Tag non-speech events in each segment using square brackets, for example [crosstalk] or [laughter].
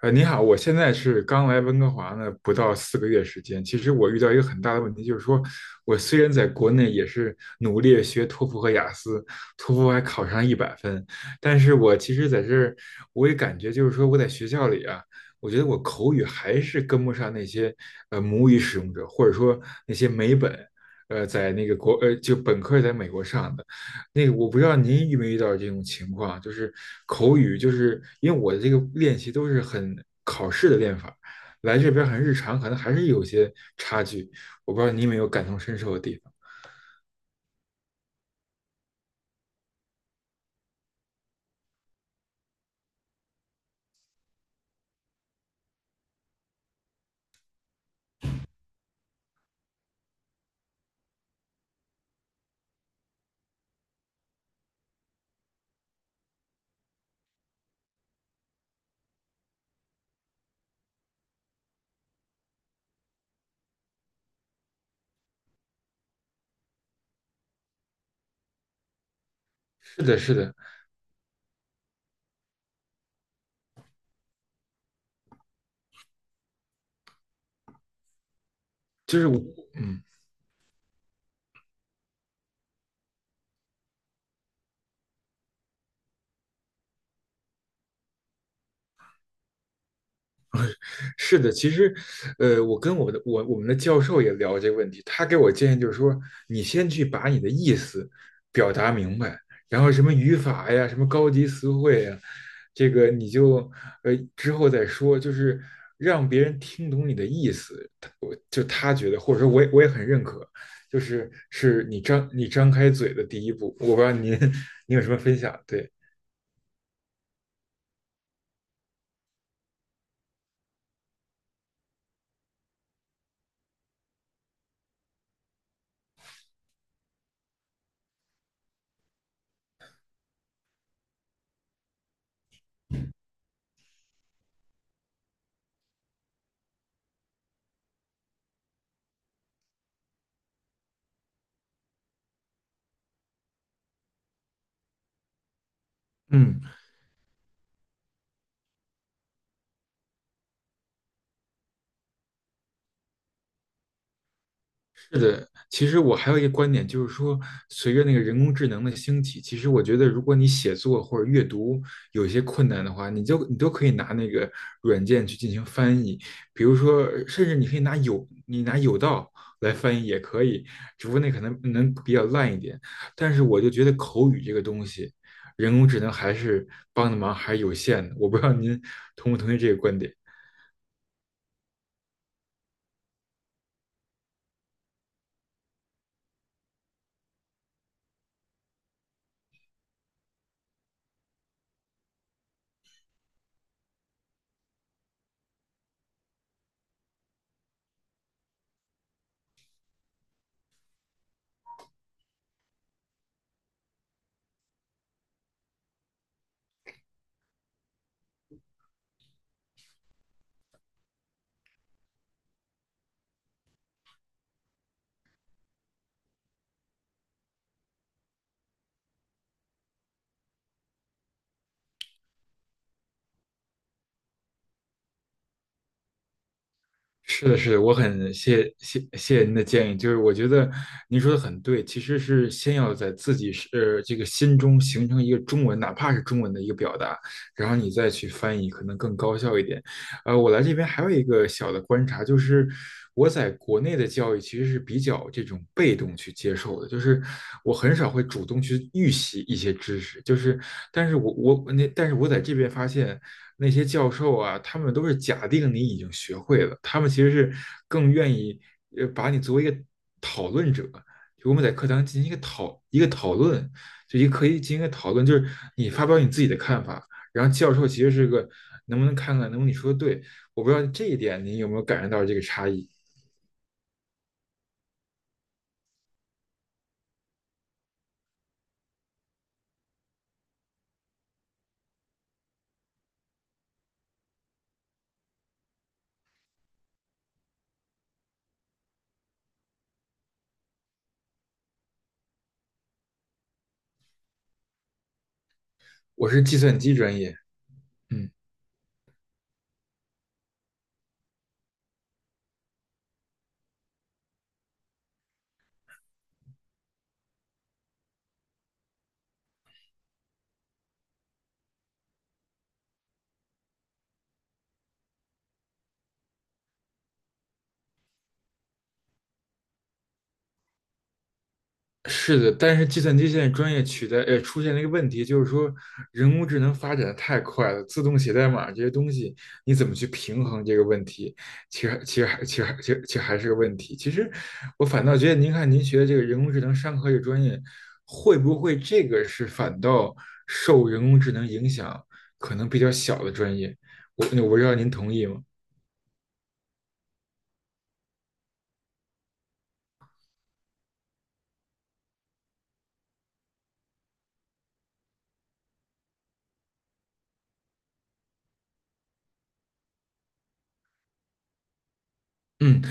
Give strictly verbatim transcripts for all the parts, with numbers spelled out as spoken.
呃，你好，我现在是刚来温哥华呢，不到四个月时间。其实我遇到一个很大的问题，就是说我虽然在国内也是努力学托福和雅思，托福还考上一百分，但是我其实在这儿，我也感觉就是说我在学校里啊，我觉得我口语还是跟不上那些呃母语使用者，或者说那些美本，呃，在那个国呃就本科在美国上的。那个我不知道您遇没遇到这种情况，就是口语，就是因为我的这个练习都是很考试的练法，来这边很日常，可能还是有些差距。我不知道你有没有感同身受的地方。是的，是的，就是我，嗯。是的，其实，呃，我跟我的我我们的教授也聊这个问题，他给我建议就是说，你先去把你的意思表达明白，然后什么语法呀，什么高级词汇呀，这个你就呃之后再说，就是让别人听懂你的意思，就他觉得，或者说我也我也很认可，就是是你张你张开嘴的第一步，我不知道您 [laughs] 您有什么分享？对，嗯，是的，其实我还有一个观点，就是说，随着那个人工智能的兴起，其实我觉得，如果你写作或者阅读有一些困难的话，你就你都可以拿那个软件去进行翻译，比如说，甚至你可以拿有你拿有道来翻译也可以，只不过那可能能比较烂一点。但是我就觉得口语这个东西，人工智能还是帮的忙还是有限的。我不知道您同不同意这个观点。是的，是的，我很谢谢谢谢您的建议，就是我觉得您说的很对，其实是先要在自己是呃这个心中形成一个中文，哪怕是中文的一个表达，然后你再去翻译，可能更高效一点。呃，我来这边还有一个小的观察，就是我在国内的教育其实是比较这种被动去接受的，就是我很少会主动去预习一些知识，就是但是我我那但是我在这边发现。那些教授啊，他们都是假定你已经学会了，他们其实是更愿意呃把你作为一个讨论者，就我们在课堂进行一个讨一个讨论，就一个可以进行一个讨论，就是你发表你自己的看法，然后教授其实是个能不能看看能不能你说的对，我不知道这一点你有没有感受到这个差异。我是计算机专业，嗯。是的，但是计算机现在专业取代，呃，出现了一个问题，就是说人工智能发展的太快了，自动写代码这些东西，你怎么去平衡这个问题？其实，其实还，其实还，其实，其实还是个问题。其实，我反倒觉得，您看您学的这个人工智能商科这个专业，会不会这个是反倒受人工智能影响可能比较小的专业？我我不知道您同意吗？嗯。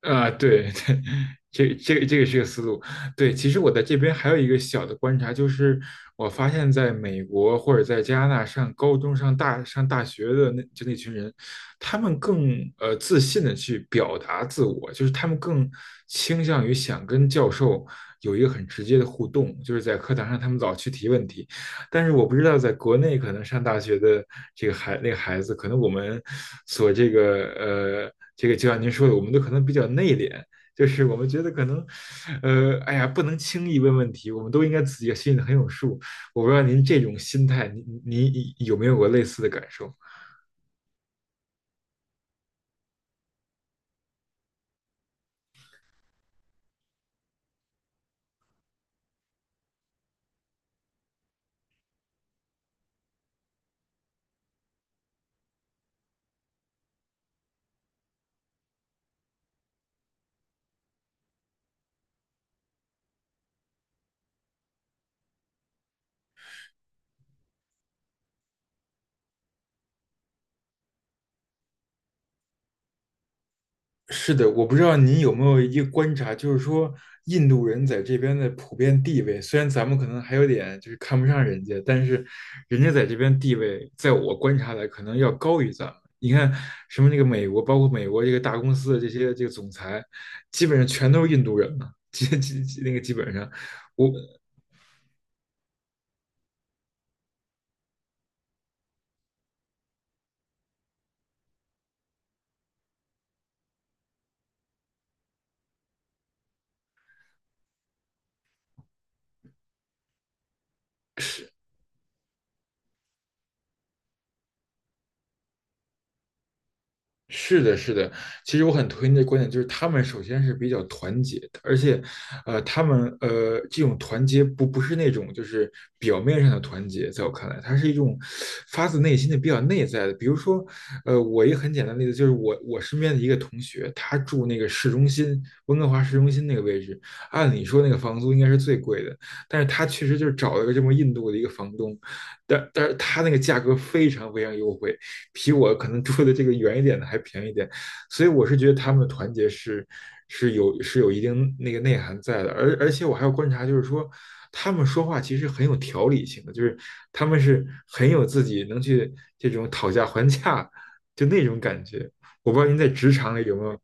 啊，对对，[laughs] 这这个这个是个思路。对，其实我在这边还有一个小的观察，就是我发现在美国或者在加拿大上高中、上大上大学的那就那群人，他们更呃自信的去表达自我，就是他们更倾向于想跟教授有一个很直接的互动，就是在课堂上他们老去提问题，但是我不知道在国内可能上大学的这个孩那个孩子，可能我们所这个呃这个就像您说的，我们都可能比较内敛，就是我们觉得可能呃哎呀不能轻易问问题，我们都应该自己心里很有数。我不知道您这种心态，您您有没有过类似的感受？是的，我不知道您有没有一个观察，就是说印度人在这边的普遍地位，虽然咱们可能还有点就是看不上人家，但是人家在这边地位，在我观察来可能要高于咱们。你看什么那个美国，包括美国这个大公司的这些这个总裁，基本上全都是印度人嘛，[laughs] 基基基那个基本上，我是是的，是的，其实我很推荐这观点，就是他们首先是比较团结的，而且，呃，他们呃这种团结不不是那种就是表面上的团结，在我看来，它是一种发自内心的比较内在的。比如说，呃，我一个很简单的例子就是我我身边的一个同学，他住那个市中心，温哥华市中心那个位置，按理说那个房租应该是最贵的，但是他确实就是找了个这么印度的一个房东，但但是他那个价格非常非常优惠，比我可能住的这个远一点的还便宜一点，所以我是觉得他们的团结是是有是有一定那个内涵在的，而而且我还要观察，就是说他们说话其实很有条理性的，就是他们是很有自己能去这种讨价还价就那种感觉，我不知道您在职场里有没有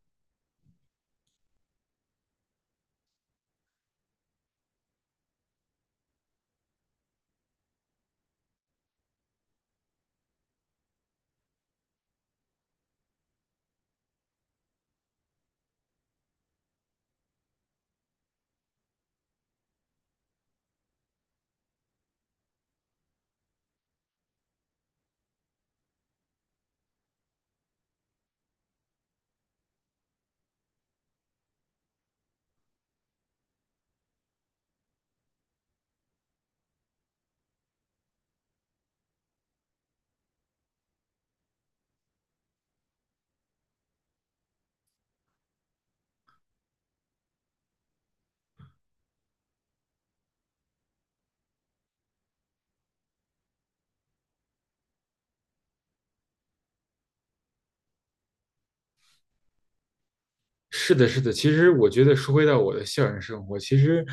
是的，是的。其实我觉得说回到我的校园生活，其实，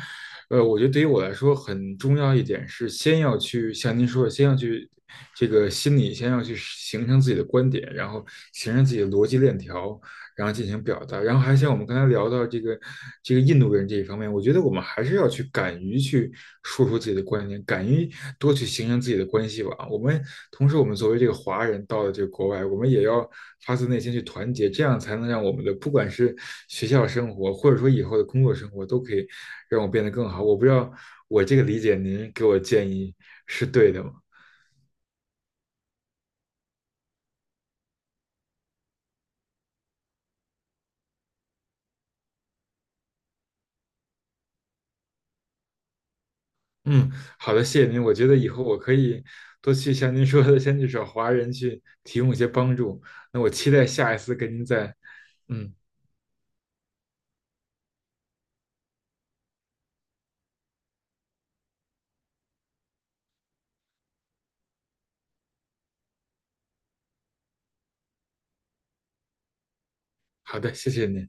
呃，我觉得对于我来说很重要一点是，先要去像您说的，先要去这个心里，先要去形成自己的观点，然后形成自己的逻辑链条，然后进行表达。然后还像我们刚才聊到这个这个印度人这一方面，我觉得我们还是要去敢于去说出自己的观点，敢于多去形成自己的关系网。我们同时，我们作为这个华人到了这个国外，我们也要发自内心去团结，这样才能让我们的不管是学校生活，或者说以后的工作生活，都可以让我变得更好。我不知道我这个理解，您给我建议是对的吗？嗯，好的，谢谢您。我觉得以后我可以多去像您说的，先去找华人去提供一些帮助。那我期待下一次跟您再，嗯，好的，谢谢您。